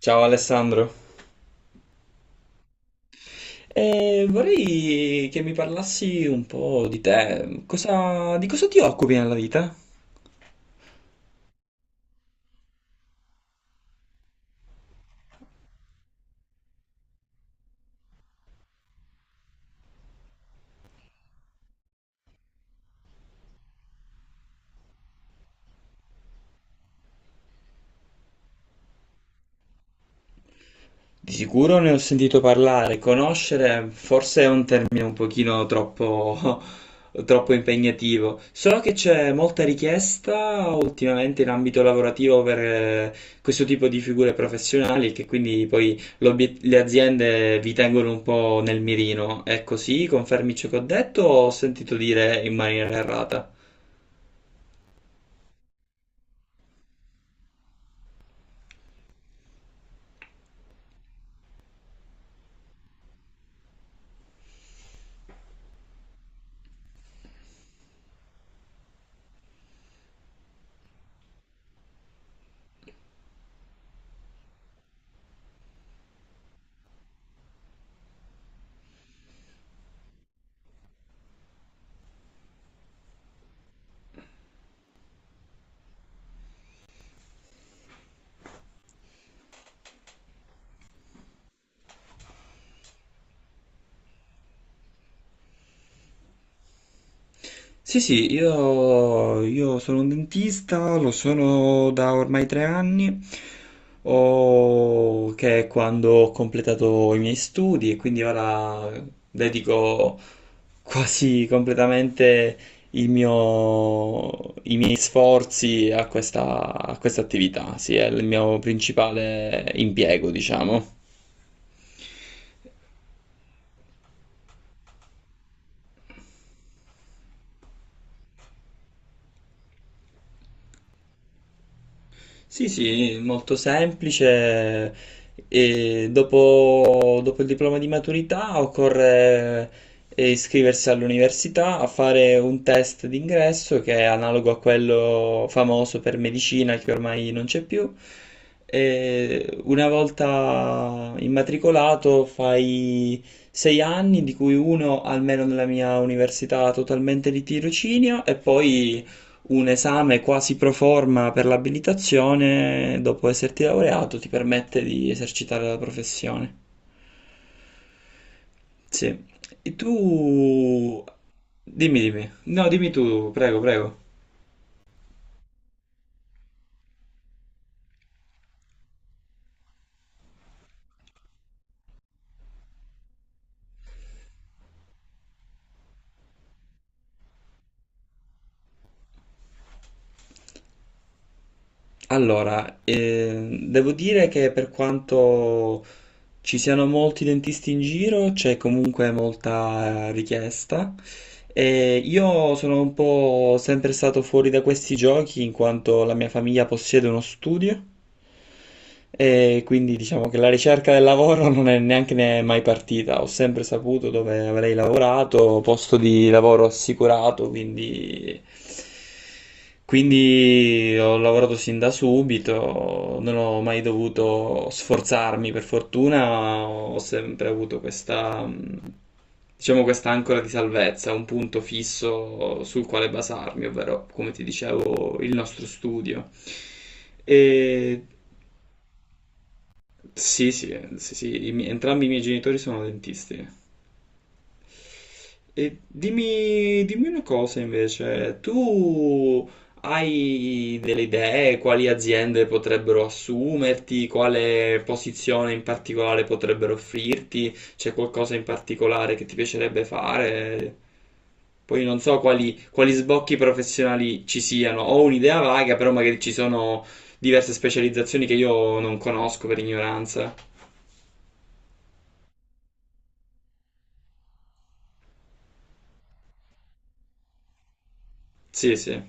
Ciao Alessandro. Vorrei che mi parlassi un po' di te. Di cosa ti occupi nella vita? Di sicuro ne ho sentito parlare, conoscere forse è un termine un pochino troppo, troppo impegnativo. So che c'è molta richiesta ultimamente in ambito lavorativo per questo tipo di figure professionali e che quindi poi le aziende vi tengono un po' nel mirino. È così? Confermi ciò che ho detto o ho sentito dire in maniera errata? Sì, sì, io sono un dentista, lo sono da ormai 3 anni, che è quando ho completato i miei studi e quindi ora dedico quasi completamente i miei sforzi a questa attività, sì, è il mio principale impiego, diciamo. Sì, sì, molto semplice. E dopo il diploma di maturità occorre iscriversi all'università a fare un test d'ingresso che è analogo a quello famoso per medicina che ormai non c'è più. E una volta immatricolato fai 6 anni, di cui uno almeno nella mia università totalmente di tirocinio, e poi un esame quasi pro forma per l'abilitazione, dopo esserti laureato, ti permette di esercitare la professione. Sì. E tu... Dimmi, dimmi. No, dimmi tu, prego, prego. Allora, devo dire che per quanto ci siano molti dentisti in giro, c'è comunque molta richiesta. E io sono un po' sempre stato fuori da questi giochi in quanto la mia famiglia possiede uno studio. E quindi diciamo che la ricerca del lavoro non è mai partita. Ho sempre saputo dove avrei lavorato, posto di lavoro assicurato, quindi ho lavorato sin da subito, non ho mai dovuto sforzarmi. Per fortuna ho sempre avuto questa, diciamo, questa ancora di salvezza, un punto fisso sul quale basarmi, ovvero, come ti dicevo, il nostro studio. E sì, sì, sì, sì, entrambi i miei genitori sono dentisti. E dimmi, dimmi una cosa invece, tu hai delle idee quali aziende potrebbero assumerti, quale posizione in particolare potrebbero offrirti, c'è qualcosa in particolare che ti piacerebbe fare? Poi non so quali, quali sbocchi professionali ci siano, ho un'idea vaga, però magari ci sono diverse specializzazioni che io non conosco per ignoranza. Sì, sì.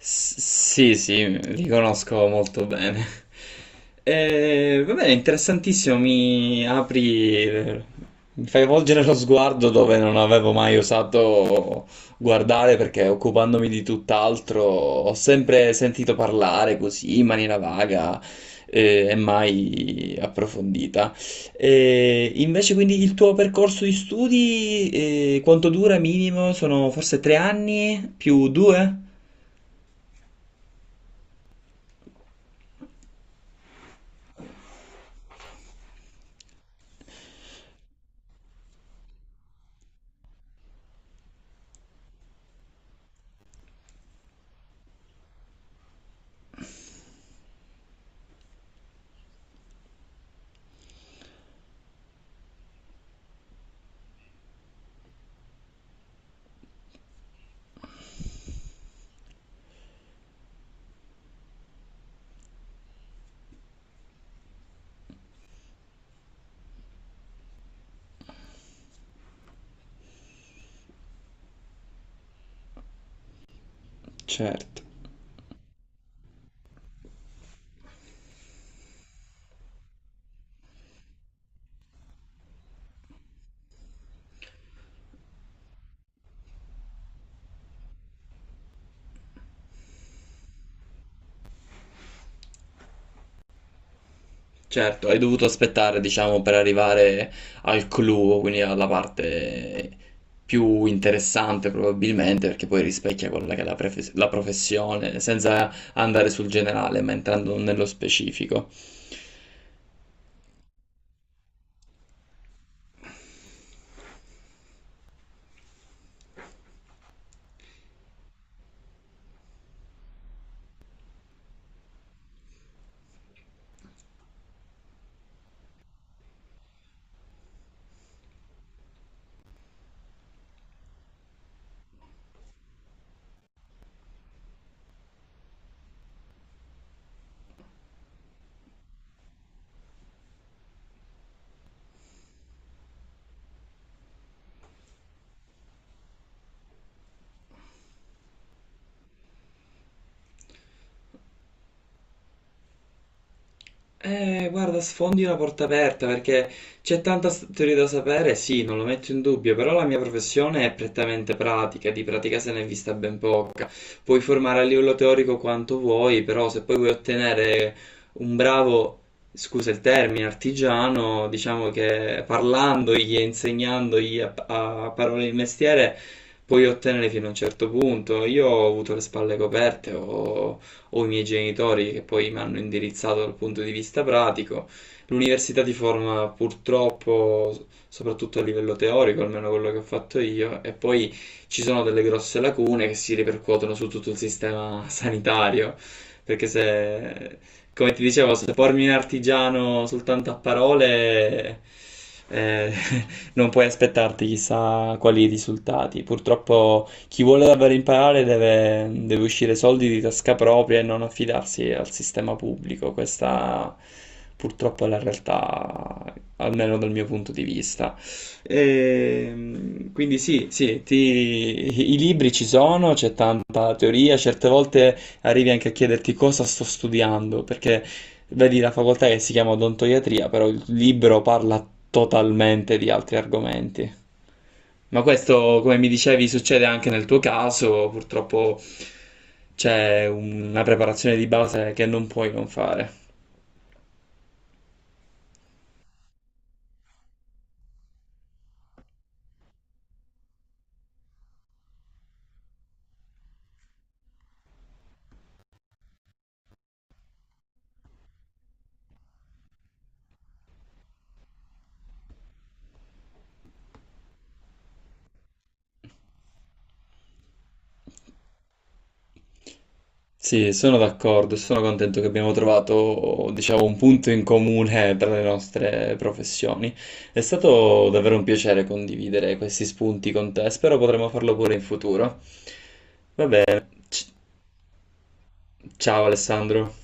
S- sì, sì, li conosco molto bene. E, va bene, interessantissimo, mi apri, mi fai volgere lo sguardo dove non avevo mai osato guardare perché occupandomi di tutt'altro ho sempre sentito parlare così in maniera vaga e mai approfondita. E invece quindi il tuo percorso di studi quanto dura minimo? Sono forse 3 anni più 2? Certo. Certo, hai dovuto aspettare, diciamo, per arrivare al clou, quindi alla parte più interessante probabilmente, perché poi rispecchia quella che è la, la professione, senza andare sul generale, ma entrando nello specifico. Guarda, sfondi una porta aperta perché c'è tanta teoria da sapere, sì, non lo metto in dubbio, però la mia professione è prettamente pratica, di pratica se ne è vista ben poca. Puoi formare a livello teorico quanto vuoi, però se poi vuoi ottenere un bravo, scusa il termine, artigiano, diciamo che parlandogli e insegnandogli a, a parole il mestiere, puoi ottenere fino a un certo punto. Io ho avuto le spalle coperte, ho o i miei genitori che poi mi hanno indirizzato dal punto di vista pratico. L'università ti forma purtroppo soprattutto a livello teorico, almeno quello che ho fatto io, e poi ci sono delle grosse lacune che si ripercuotono su tutto il sistema sanitario, perché se, come ti dicevo, se formi un artigiano soltanto a parole, eh, non puoi aspettarti chissà quali risultati. Purtroppo chi vuole davvero imparare deve, deve uscire soldi di tasca propria e non affidarsi al sistema pubblico. Questa purtroppo è la realtà, almeno dal mio punto di vista. Quindi sì, sì, i libri ci sono, c'è tanta teoria, certe volte arrivi anche a chiederti cosa sto studiando, perché vedi la facoltà che si chiama odontoiatria, però il libro parla totalmente di altri argomenti. Ma questo, come mi dicevi, succede anche nel tuo caso, purtroppo c'è una preparazione di base che non puoi non fare. Sì, sono d'accordo, sono contento che abbiamo trovato, diciamo, un punto in comune tra le nostre professioni. È stato davvero un piacere condividere questi spunti con te, spero potremo farlo pure in futuro. Va bene. Ciao Alessandro.